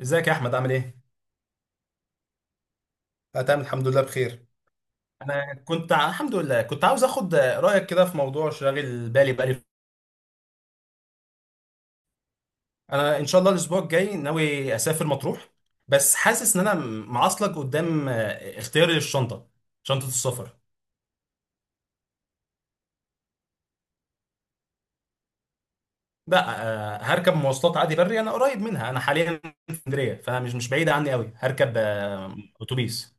ازيك يا احمد عامل ايه؟ أنا تمام الحمد لله بخير. الحمد لله كنت عاوز اخد رايك كده في موضوع شاغل بالي بقالي. انا ان شاء الله الاسبوع الجاي ناوي اسافر مطروح، بس حاسس ان معصلك قدام. اختياري للشنطه، شنطه السفر. لا. هركب مواصلات عادي بري، انا قريب منها، انا حاليا في اسكندريه فمش مش بعيده عني قوي. هركب اتوبيس.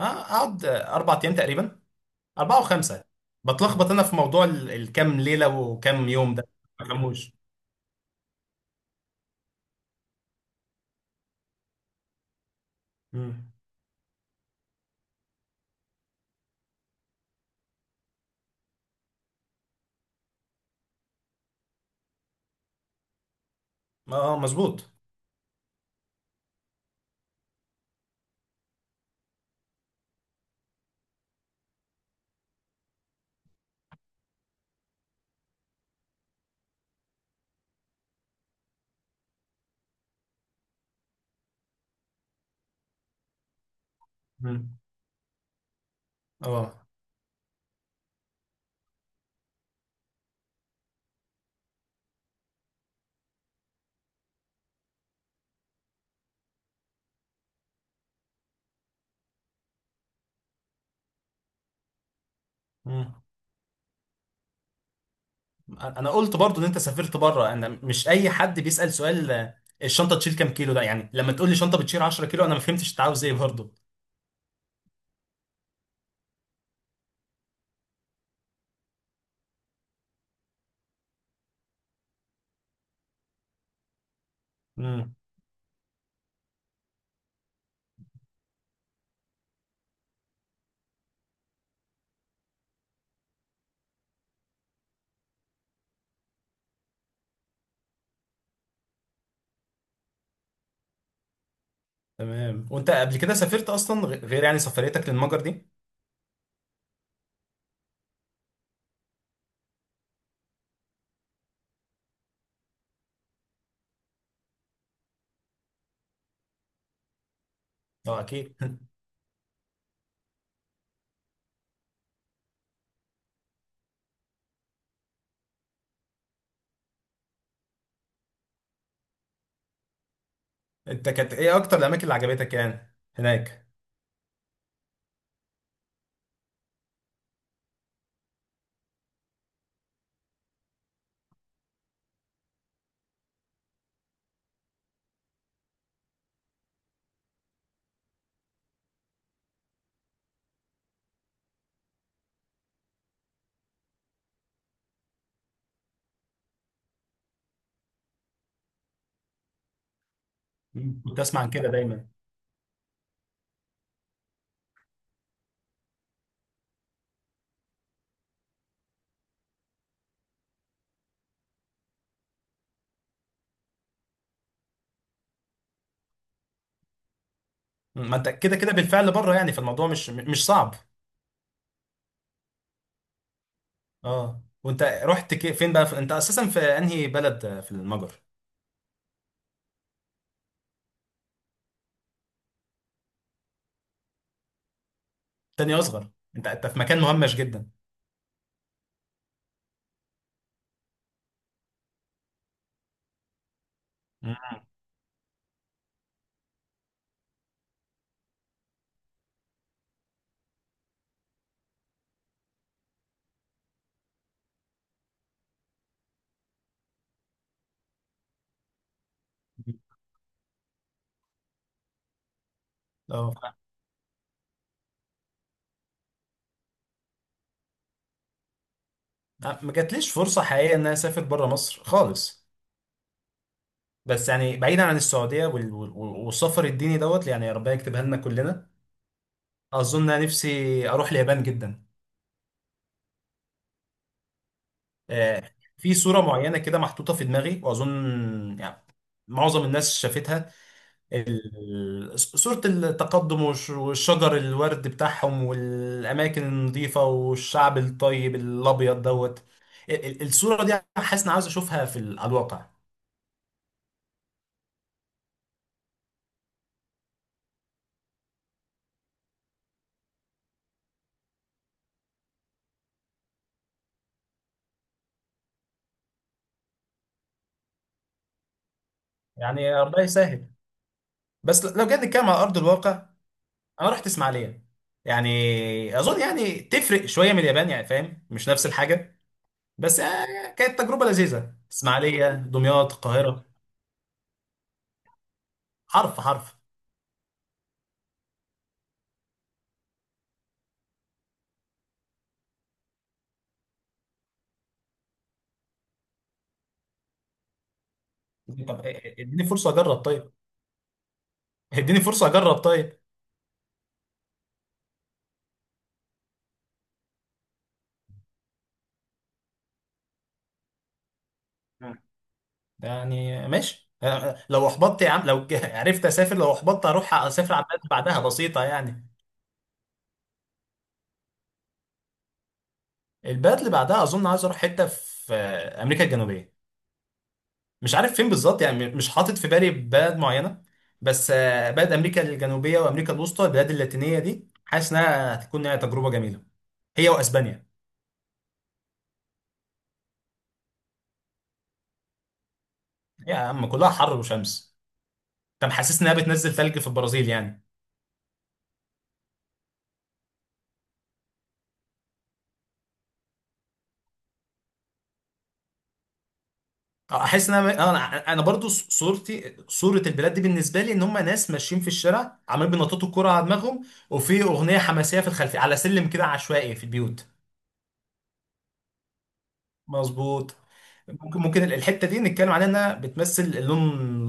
اقعد اربع ايام تقريبا، اربعه وخمسه. بتلخبط انا في موضوع الكام ليله وكام يوم ده، ما بفهموش. اه مظبوط. مم. اه. مم. انا قلت برضو ان انت سافرت بره، انا مش اي حد بيسأل سؤال. الشنطه تشيل كام كيلو ده؟ يعني لما تقول لي شنطه بتشيل 10 كيلو انا ما فهمتش انت عاوز ايه برضو. مم. تمام، وانت قبل كده سافرت اصلا غير يعني سفريتك للمجر دي؟ اه اكيد انت كانت ايه اكتر الاماكن اللي عجبتك يعني هناك؟ مم. كنت اسمع عن كده دايما. مم. ما انت كده كده بالفعل بره يعني، فالموضوع مش صعب. اه، وانت رحت فين بقى في... انت اساسا في انهي بلد؟ في المجر. تاني اصغر؟ انت في مكان مهمش جدا. مم. اه، ما جاتليش فرصه حقيقيه ان انا اسافر بره مصر خالص، بس يعني بعيدا عن السعوديه والسفر الديني دوت، يعني يا ربنا يكتبها لنا كلنا. اظن انا نفسي اروح اليابان جدا. آه، في صوره معينه كده محطوطه في دماغي، واظن يعني معظم الناس شافتها. صورة التقدم والشجر الورد بتاعهم والأماكن النظيفة والشعب الطيب الأبيض دوت. الصورة دي حاسس إني عاوز أشوفها في على الواقع. يعني ربنا يسهل. بس لو جيت نتكلم على أرض الواقع، أنا رحت إسماعيلية، يعني أظن يعني تفرق شوية من اليابان يعني، فاهم، مش نفس الحاجة. بس كانت تجربة لذيذة، إسماعيلية دمياط القاهرة. حرف حرف. طب اديني فرصة أجرب طيب، اديني فرصة أجرب طيب. يعني ماشي. لو احبطت يا عم لو عرفت اسافر، لو احبطت اروح اسافر على البلد اللي بعدها، بسيطه يعني. البلد اللي بعدها اظن عايز اروح حته في امريكا الجنوبيه، مش عارف فين بالظبط يعني، مش حاطط في بالي بلد معينه. بس بلد امريكا الجنوبيه وامريكا الوسطى، البلاد اللاتينيه دي حاسس انها هتكون هي تجربه جميله، هي واسبانيا. يا عم كلها حر وشمس، انت محسسني انها بتنزل ثلج في البرازيل يعني. احس ان انا انا أنا برضو صورتي صوره البلاد دي بالنسبه لي ان هم ناس ماشيين في الشارع عمالين بينططوا الكوره على دماغهم، وفي اغنيه حماسيه في الخلفيه على سلم كده عشوائي في البيوت. مظبوط. ممكن الحته دي نتكلم عليها انها بتمثل اللون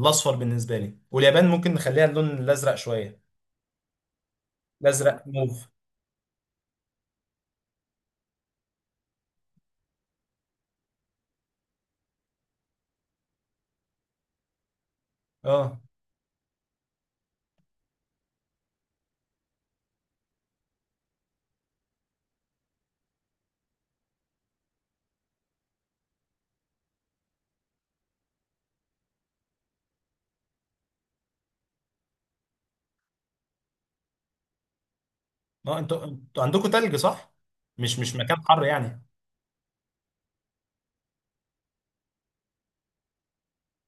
الاصفر بالنسبه لي، واليابان ممكن نخليها اللون الازرق شويه. الازرق موف. اه. اه انتوا عندكم تلج صح؟ مش مكان حر يعني.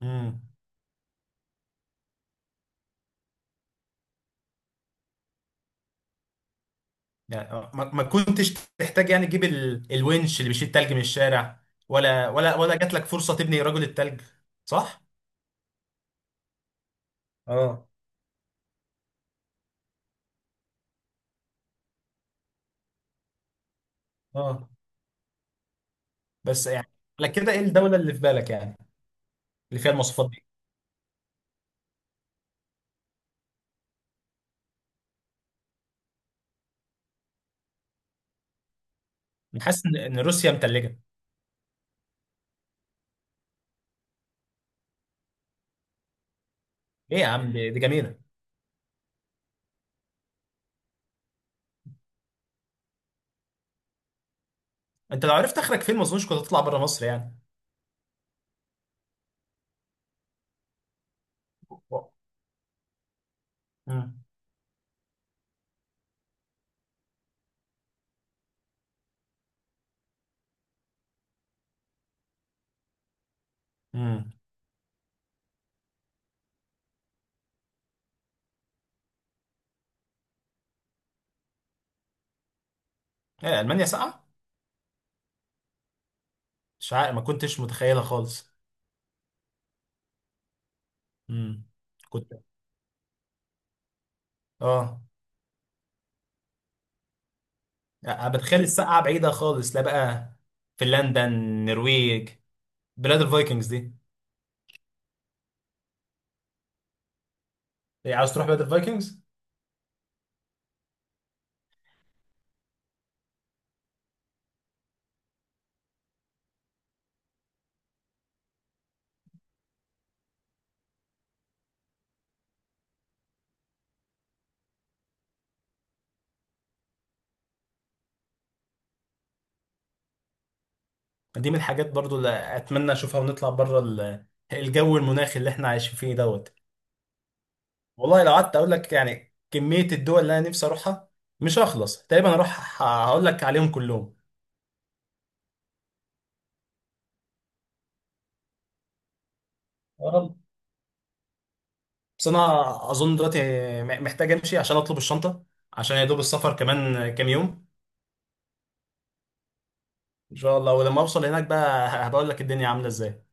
امم. يعني ما كنتش تحتاج يعني تجيب الونش اللي بيشيل التلج من الشارع، ولا جات لك فرصة تبني رجل التلج، صح؟ اه. اه بس يعني، على كده ايه الدولة اللي في بالك يعني، اللي فيها المواصفات دي؟ أنا حاسس ان إن روسيا متلجة. ايه يا عم دي دي جميلة. انت لو عرفت اخرك فين ما اظنش كنت هتطلع بره مصر يعني. امم. امم. ايه، المانيا ساقعة؟ مش عارف، ما كنتش متخيلها خالص. امم. كنت، اه. أنا بتخيل الساقعة بعيدة خالص، لا بقى، فنلندا النرويج، بلاد الفايكنجز دي. إيه، عاوز تروح بلاد الفايكنجز؟ دي من الحاجات برضو اللي اتمنى اشوفها ونطلع بره الجو المناخي اللي احنا عايشين فيه دوت. والله لو قعدت اقول لك يعني كمية الدول اللي انا نفسي اروحها مش هخلص، تقريبا اروح هقول لك عليهم كلهم. يا رب. بس انا اظن دلوقتي محتاج امشي عشان اطلب الشنطة، عشان يا دوب السفر كمان كام يوم. ان شاء الله، ولما اوصل هناك بقى هبقول لك الدنيا عاملة ازاي.